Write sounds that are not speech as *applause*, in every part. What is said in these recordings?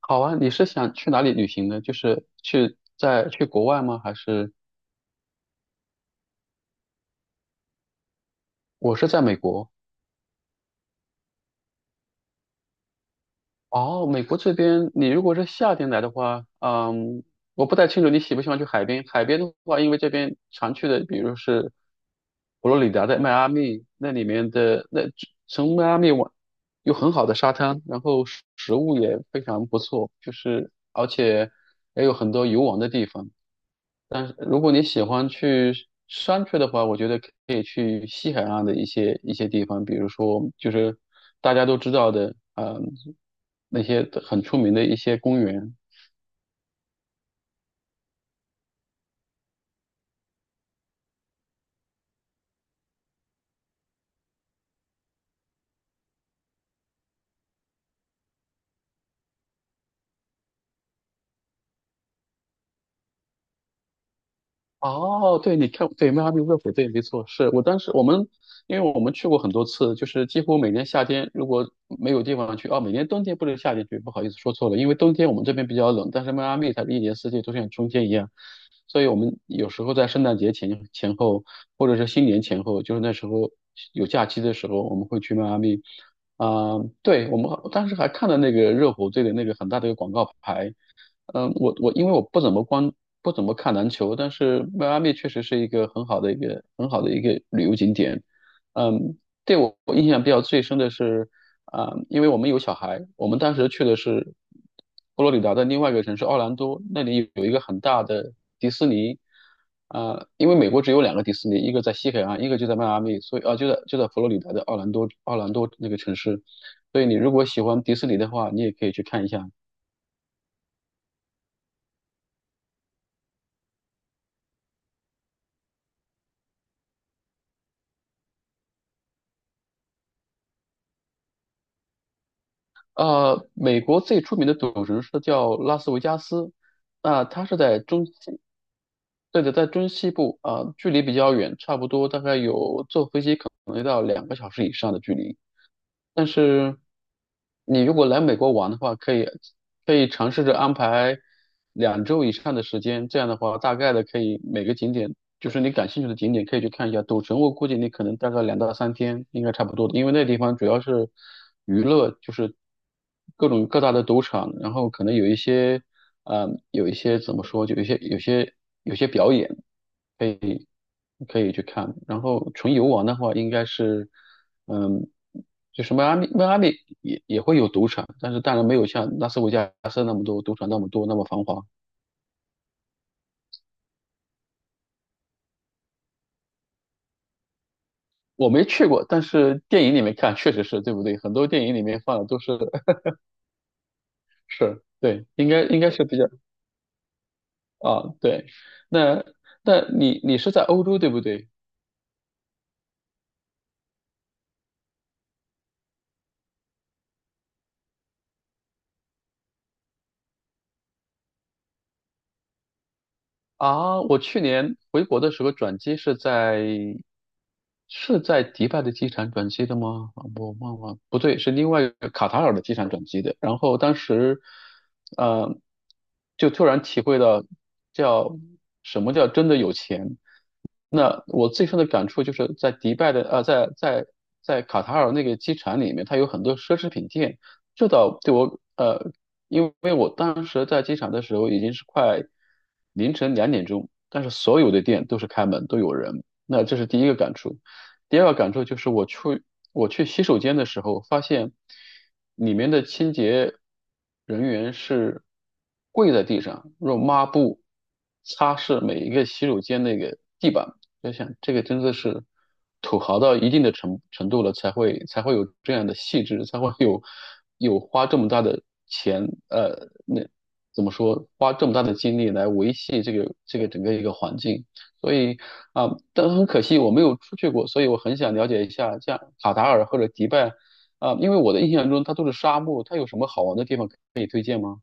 好啊，你是想去哪里旅行呢？就是去国外吗？还是我是在美国？哦，美国这边，你如果是夏天来的话，我不太清楚你喜不喜欢去海边。海边的话，因为这边常去的，比如是佛罗里达的迈阿密，那里面的那从迈阿密往有很好的沙滩，然后食物也非常不错，就是而且也有很多游玩的地方。但是如果你喜欢去山区的话，我觉得可以去西海岸的一些地方，比如说就是大家都知道的，那些很出名的一些公园。哦，对，你看，对，迈阿密热火队没错，是我当时我们，因为我们去过很多次，就是几乎每年夏天如果没有地方去。哦，每年冬天，不能夏天去，不好意思说错了，因为冬天我们这边比较冷，但是迈阿密它是一年四季都像春天一样，所以我们有时候在圣诞节前后，或者是新年前后，就是那时候有假期的时候，我们会去迈阿密。啊、对，我们当时还看了那个热火队的那个很大的一个广告牌。嗯，我因为我不怎么看篮球，但是迈阿密确实是一个很好的一个旅游景点。嗯，对，我印象比较最深的是，啊、因为我们有小孩，我们当时去的是佛罗里达的另外一个城市奥兰多，那里有一个很大的迪士尼。啊、因为美国只有两个迪士尼，一个在西海岸，一个就在迈阿密，所以啊、就在佛罗里达的奥兰多那个城市。所以你如果喜欢迪士尼的话，你也可以去看一下。美国最出名的赌城是叫拉斯维加斯。那、它是在中西，对的，在中西部，啊、距离比较远，差不多大概有坐飞机可能要到2个小时以上的距离。但是你如果来美国玩的话，可以尝试着安排2周以上的时间，这样的话，大概的可以每个景点，就是你感兴趣的景点可以去看一下。赌城我估计你可能大概2到3天应该差不多的，因为那地方主要是娱乐，就是各种各大的赌场，然后可能有一些，有一些，怎么说，就有一些表演可以去看。然后纯游玩的话，应该是，嗯，就是迈阿密。迈阿密也会有赌场，但是当然没有像拉斯维加斯那么多赌场那么多那么繁华。我没去过，但是电影里面看确实是，对不对？很多电影里面放的都是 *laughs* 是，对，应该是比较，啊，对。那那你是在欧洲对不对？啊，我去年回国的时候转机是在迪拜的机场转机的吗？啊，我忘了，不对，是另外一个卡塔尔的机场转机的。然后当时，呃，就突然体会到叫什么叫真的有钱。那我最深的感触就是在迪拜的，在卡塔尔那个机场里面，它有很多奢侈品店，这倒对我，因为我当时在机场的时候已经是快凌晨2点钟，但是所有的店都是开门，都有人。那这是第一个感触。第二个感触就是我去洗手间的时候，发现里面的清洁人员是跪在地上，用抹布擦拭每一个洗手间那个地板。在想，这个真的是土豪到一定的程度了，才会有这样的细致，才会有花这么大的钱，那怎么说，花这么大的精力来维系这个整个一个环境。所以啊、但很可惜我没有出去过，所以我很想了解一下，像卡塔尔或者迪拜，啊、因为我的印象中它都是沙漠，它有什么好玩的地方可以推荐吗？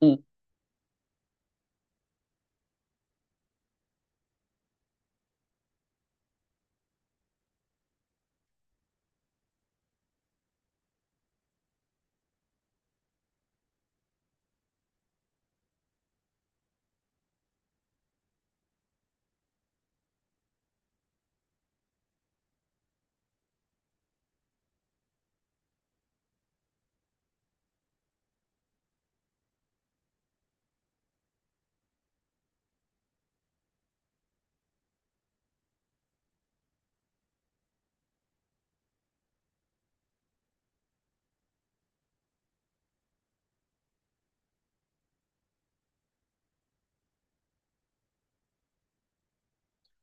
嗯，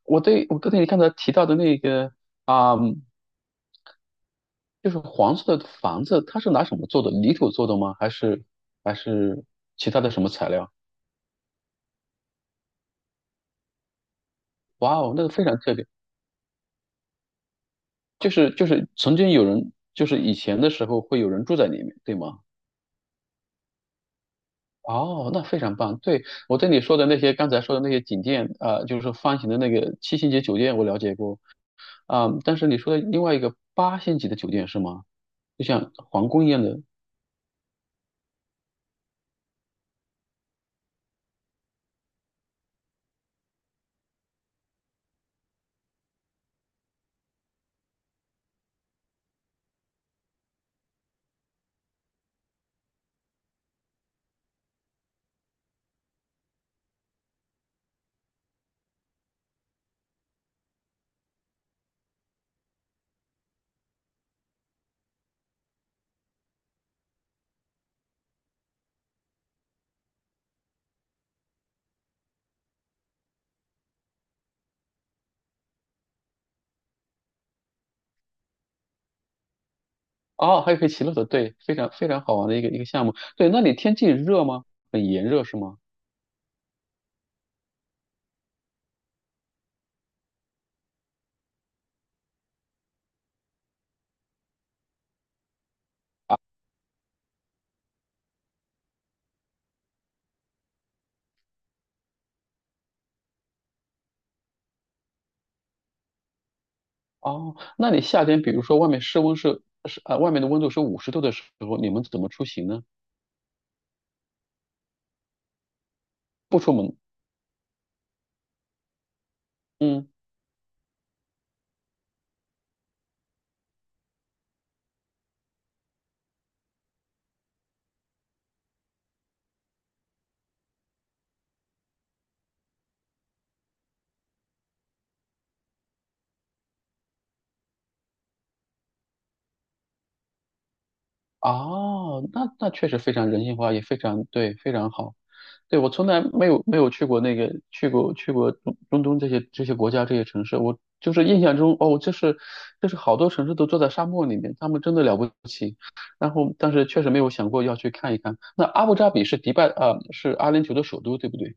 我对我刚才你刚才提到的那个，啊、就是黄色的房子，它是拿什么做的？泥土做的吗？还是其他的什么材料？哇哦，那个非常特别，就是曾经有人，就是以前的时候会有人住在里面，对吗？哦，那非常棒。对，我对你说的那些，刚才说的那些景点，啊，就是说方形的那个七星级酒店，我了解过。啊、但是你说的另外一个八星级的酒店是吗？就像皇宫一样的。哦，还有可以骑骆驼，对，非常非常好玩的一个项目。对，那里天气热吗？很炎热是吗？哦，那你夏天，比如说外面的温度是50度的时候，你们怎么出行呢？不出门。嗯，哦，那那确实非常人性化，也非常对，非常好。对，我从来没有去过中东这些国家这些城市，我就是印象中哦，就是好多城市都坐在沙漠里面，他们真的了不起。然后，但是确实没有想过要去看一看。那阿布扎比是迪拜是阿联酋的首都，对不对？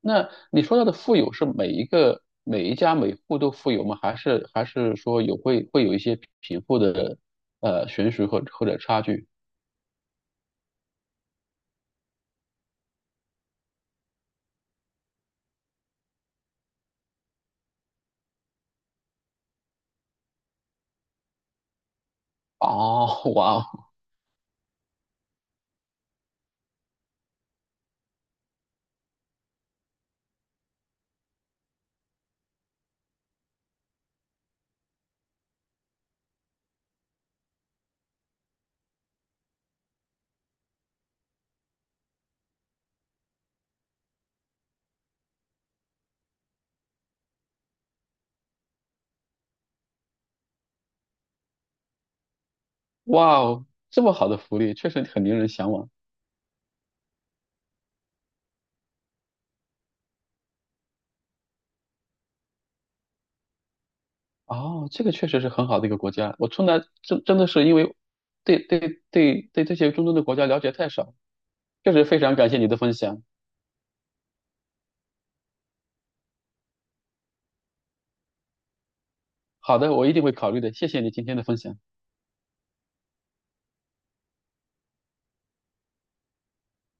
那你说到的富有是每一个每一家每户都富有吗？还是说有会有一些贫富的悬殊或者差距？哦，哇哦，哇哦，这么好的福利确实很令人向往。哦，这个确实是很好的一个国家。我从来真的是因为对，对，对，对，这些中东的国家了解太少，确实非常感谢你的分享。好的，我一定会考虑的，谢谢你今天的分享。